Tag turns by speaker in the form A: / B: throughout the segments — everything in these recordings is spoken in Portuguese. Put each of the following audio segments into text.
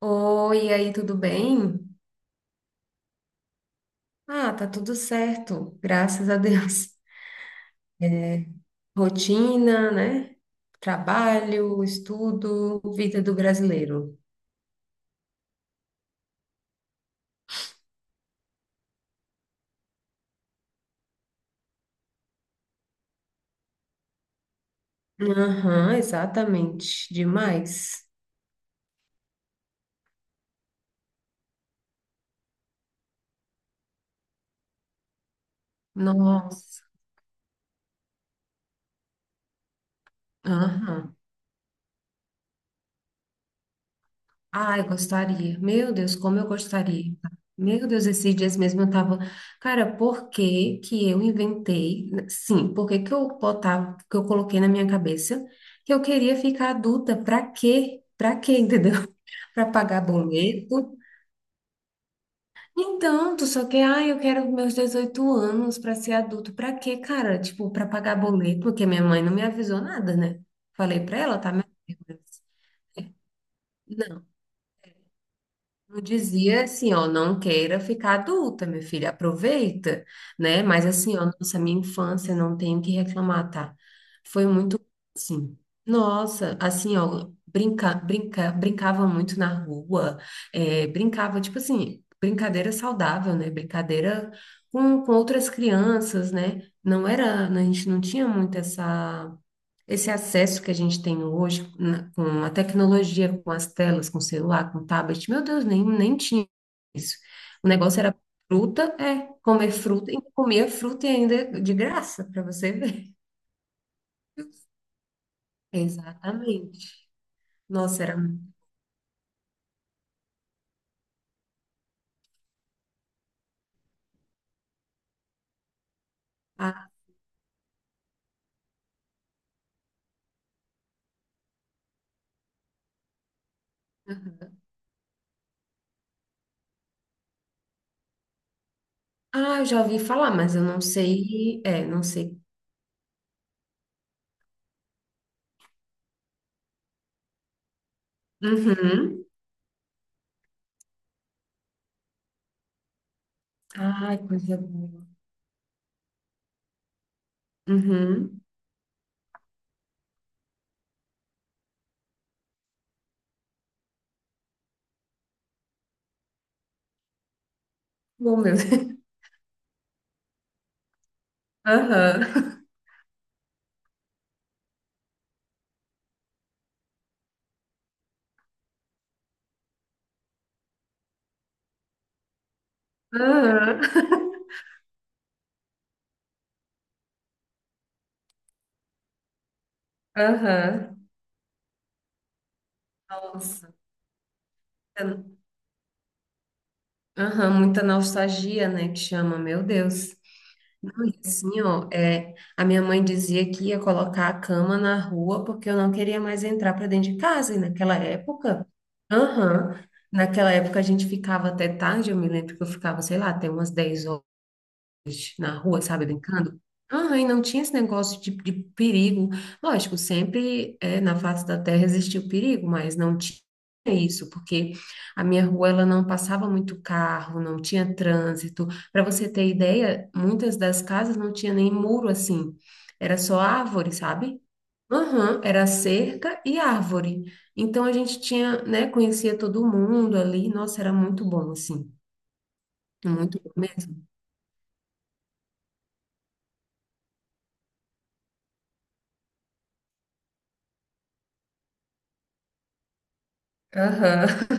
A: Oi, e aí, tudo bem? Ah, tá tudo certo, graças a Deus. Rotina, né? Trabalho, estudo, vida do brasileiro. Aham, exatamente, demais. Nossa, aham. Ah, eu gostaria. Meu Deus, como eu gostaria. Meu Deus, esses dias mesmo eu tava, cara, por que que eu inventei? Sim, por que que eu botava, que eu coloquei na minha cabeça que eu queria ficar adulta? Pra quê? Pra quê, entendeu? Pra pagar boleto? Então, tu só quer, ah, eu quero meus 18 anos pra ser adulto. Pra quê, cara? Tipo, pra pagar boleto, porque minha mãe não me avisou nada, né? Falei pra ela, tá? Minha filha? Eu dizia assim, ó, não queira ficar adulta, meu filho, aproveita, né? Mas assim, ó, nossa, minha infância não tenho o que reclamar, tá? Foi muito assim. Nossa, assim, ó, brinca, brinca, brincava muito na rua, brincava, tipo assim, brincadeira saudável, né? Brincadeira com outras crianças, né? Não era, a gente não tinha muito essa. Esse acesso que a gente tem hoje com a tecnologia, com as telas, com o celular, com o tablet, meu Deus, nem tinha isso. O negócio era fruta, comer fruta, e comia fruta ainda de graça, para você ver. Exatamente. Nossa, era. Ah, aham. Ah, eu já ouvi falar, mas eu não sei. É, não sei. Uhum. Ai, coisa boa. Uhum. Bom, meu Deus. Aham. Aham. Aham. Nossa. Aham, muita nostalgia, né, que chama, meu Deus. Não, e assim, ó, é, a minha mãe dizia que ia colocar a cama na rua porque eu não queria mais entrar para dentro de casa, e naquela época, aham, naquela época a gente ficava até tarde, eu me lembro que eu ficava, sei lá, até umas 10 horas na rua, sabe, brincando. Ah, e não tinha esse negócio de perigo. Lógico, sempre é, na face da terra existia o perigo, mas não tinha isso, porque a minha rua ela não passava muito carro, não tinha trânsito. Para você ter ideia, muitas das casas não tinha nem muro assim, era só árvore, sabe? Aham, era cerca e árvore. Então a gente tinha, né, conhecia todo mundo ali. Nossa, era muito bom, assim. Muito bom mesmo. Aham.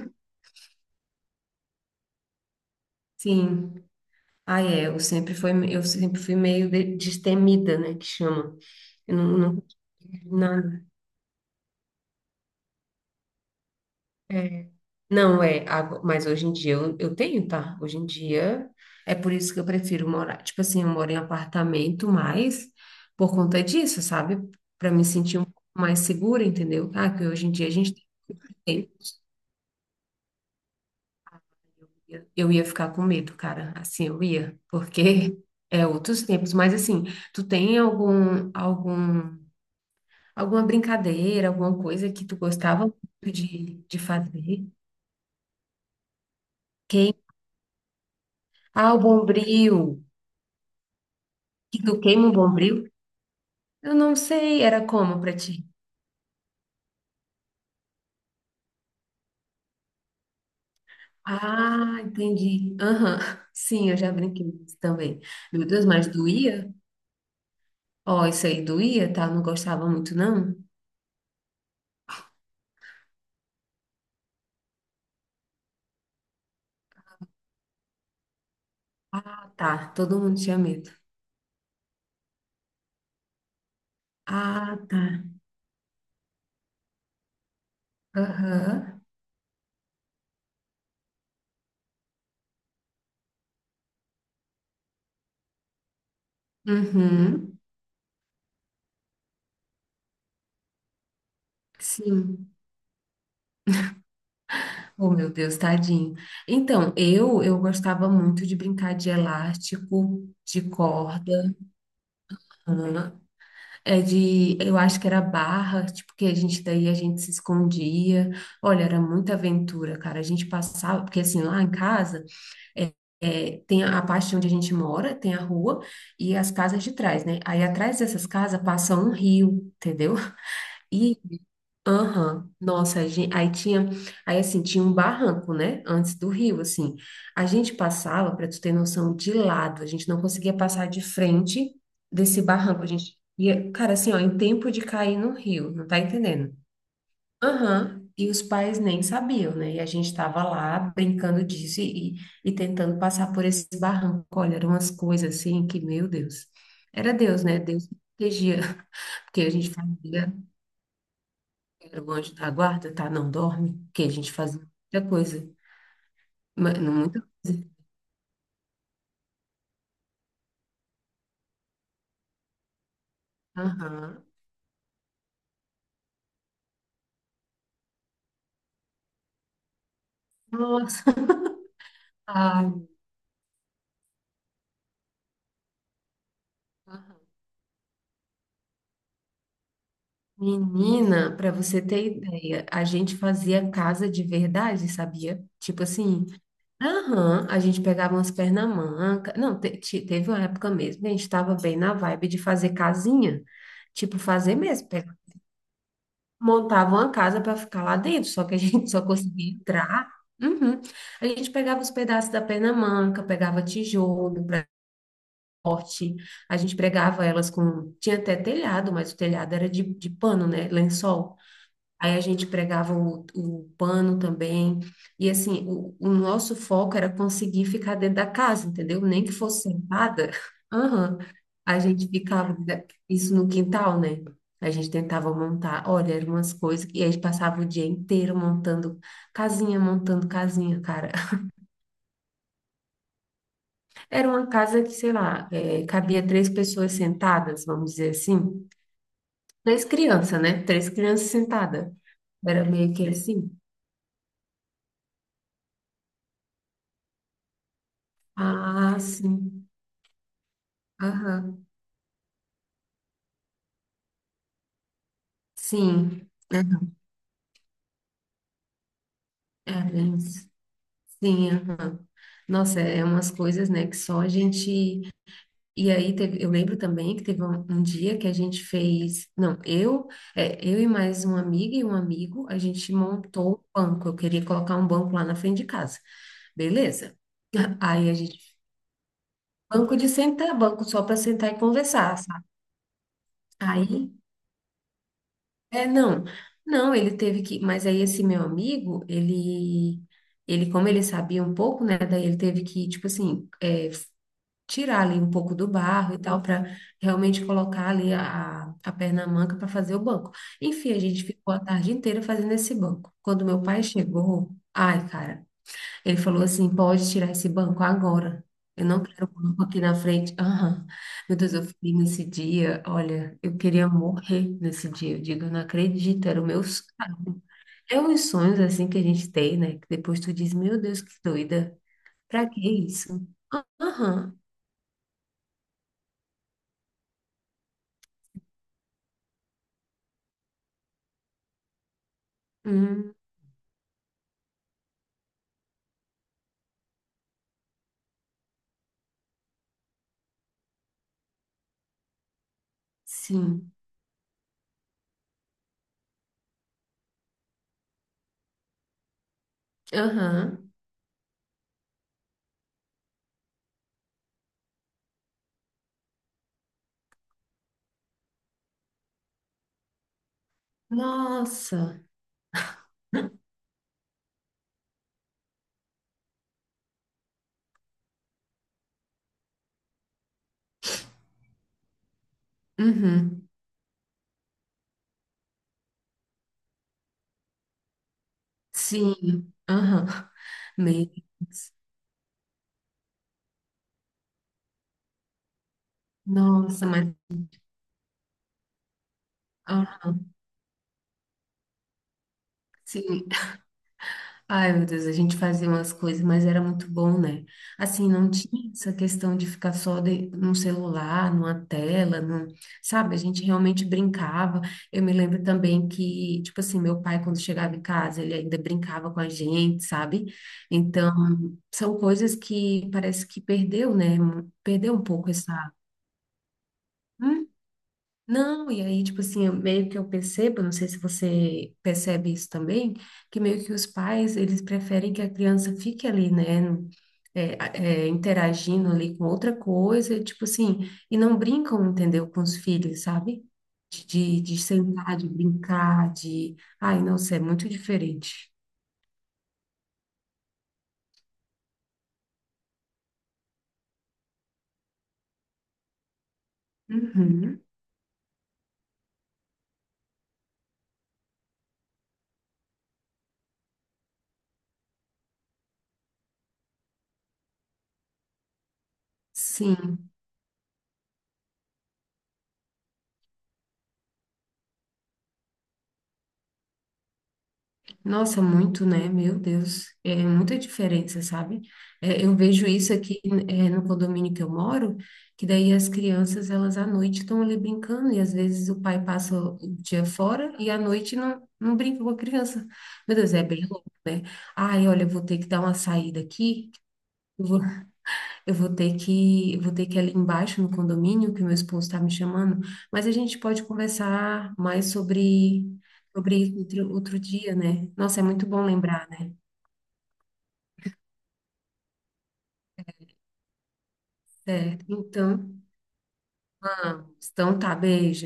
A: Sim. Ah, é, eu sempre fui meio destemida, né, que chama. Eu não, não, nada. É. Não, é, mas hoje em dia eu tenho, tá? Hoje em dia é por isso que eu prefiro morar. Tipo assim, eu moro em apartamento, mas por conta disso, sabe? Para me sentir um pouco mais segura, entendeu? Ah, que hoje em dia a gente tem. Eu ia ficar com medo, cara. Assim, eu ia, porque é outros tempos. Mas assim, tu tem algum alguma brincadeira, alguma coisa que tu gostava muito de fazer? Queim... Ah, o bombril. Que tu queima o bombril? Eu não sei, era como pra ti? Ah, entendi. Aham, sim, eu já brinquei disso também. Meu Deus, mas doía? Ó, isso aí doía, tá? Não gostava muito, não? Ah, tá, todo mundo tinha medo. Ah, tá. Aham. Uhum. Sim. Oh, meu Deus, tadinho. Então, eu gostava muito de brincar de elástico, de corda, hã, eu acho que era barra, tipo, que a gente daí a gente se escondia. Olha, era muita aventura, cara. A gente passava, porque assim, lá em casa é, tem a parte onde a gente mora, tem a rua e as casas de trás, né? Aí atrás dessas casas passa um rio, entendeu? Aham, nossa, a gente, aí tinha, aí assim, tinha um barranco, né, antes do rio, assim, a gente passava, para tu ter noção, de lado, a gente não conseguia passar de frente desse barranco, a gente ia, cara, assim, ó, em tempo de cair no rio, não tá entendendo? Aham, e os pais nem sabiam, né, e a gente tava lá brincando disso e, e tentando passar por esse barranco, olha, eram umas coisas assim que, meu Deus, era Deus, né, Deus que protegia, porque a gente fazia era o anjo da guarda, tá? Não dorme, que a gente fazia muita coisa. Mas, não, muita coisa. Aham. Nossa, ai. Aham. Menina, para você ter ideia, a gente fazia casa de verdade, sabia? Tipo assim, aham, a gente pegava umas pernamanga. Não, teve uma época mesmo, que a gente estava bem na vibe de fazer casinha. Tipo, fazer mesmo. Montava uma casa para ficar lá dentro, só que a gente só conseguia entrar. Uhum. A gente pegava os pedaços da Pernamanga, pegava tijolo para corte, a gente pregava elas com. Tinha até telhado, mas o telhado era de pano, né? Lençol. Aí a gente pregava o pano também. E assim, o nosso foco era conseguir ficar dentro da casa, entendeu? Nem que fosse sentada. Aham. A gente ficava isso no quintal, né? A gente tentava montar. Olha, eram umas coisas que a gente passava o dia inteiro montando casinha, cara. Era uma casa que, sei lá, eh, cabia três pessoas sentadas, vamos dizer assim. Três crianças, né? Três crianças sentadas. Era meio que assim. Ah, sim. Aham. Sim, é, Lins. Sim, aham. Nossa, é umas coisas, né, que só a gente. E aí teve, eu lembro também que teve um, um dia que a gente fez, não, eu, eu e mais uma amiga e um amigo, a gente montou um banco. Eu queria colocar um banco lá na frente de casa, beleza? Aí a gente, banco de sentar, banco só para sentar e conversar, sabe? Aí é, não. Não, ele teve que, mas aí esse meu amigo, ele como ele sabia um pouco, né, daí ele teve que, tipo assim, é, tirar ali um pouco do barro e tal, para realmente colocar ali a perna manca para fazer o banco. Enfim, a gente ficou a tarde inteira fazendo esse banco. Quando meu pai chegou, ai, cara. Ele falou assim: pode tirar esse banco agora. Eu não quero o banco aqui na frente. Aham. Meu Deus, eu fiquei nesse dia. Olha, eu queria morrer nesse dia. Eu digo, eu não acredito, era o meu sonho. É uns sonhos assim que a gente tem, né? Que depois tu diz: meu Deus, que doida. Pra que isso? Aham. Hum, sim. Aham. Nossa. Uhum. Sim. Aham. Meu Deus. Nossa, mas. Ah, sim. Ai, meu Deus, a gente fazia umas coisas, mas era muito bom, né? Assim, não tinha essa questão de ficar só de, num celular, numa tela, num, sabe? A gente realmente brincava. Eu me lembro também que, tipo assim, meu pai, quando chegava em casa, ele ainda brincava com a gente, sabe? Então, são coisas que parece que perdeu, né? Perdeu um pouco essa. Não, e aí, tipo assim, meio que eu percebo, não sei se você percebe isso também, que meio que os pais, eles preferem que a criança fique ali, né, interagindo ali com outra coisa, tipo assim, e não brincam, entendeu, com os filhos, sabe? De sentar, de brincar, de... Ai, nossa, é muito diferente. Uhum. Sim. Nossa, muito, né? Meu Deus, é muita diferença, sabe? É, eu vejo isso aqui, é, no condomínio que eu moro, que daí as crianças, elas à noite estão ali brincando, e às vezes o pai passa o dia fora e à noite não, não brinca com a criança. Meu Deus, é bem louco, né? Ai, olha, eu vou ter que dar uma saída aqui, eu vou ter que, eu vou ter que ir ali embaixo no condomínio, que o meu esposo está me chamando, mas a gente pode conversar mais sobre, sobre isso outro, outro dia, né? Nossa, é muito bom lembrar, né? Certo. Então, vamos. Então tá, beijo.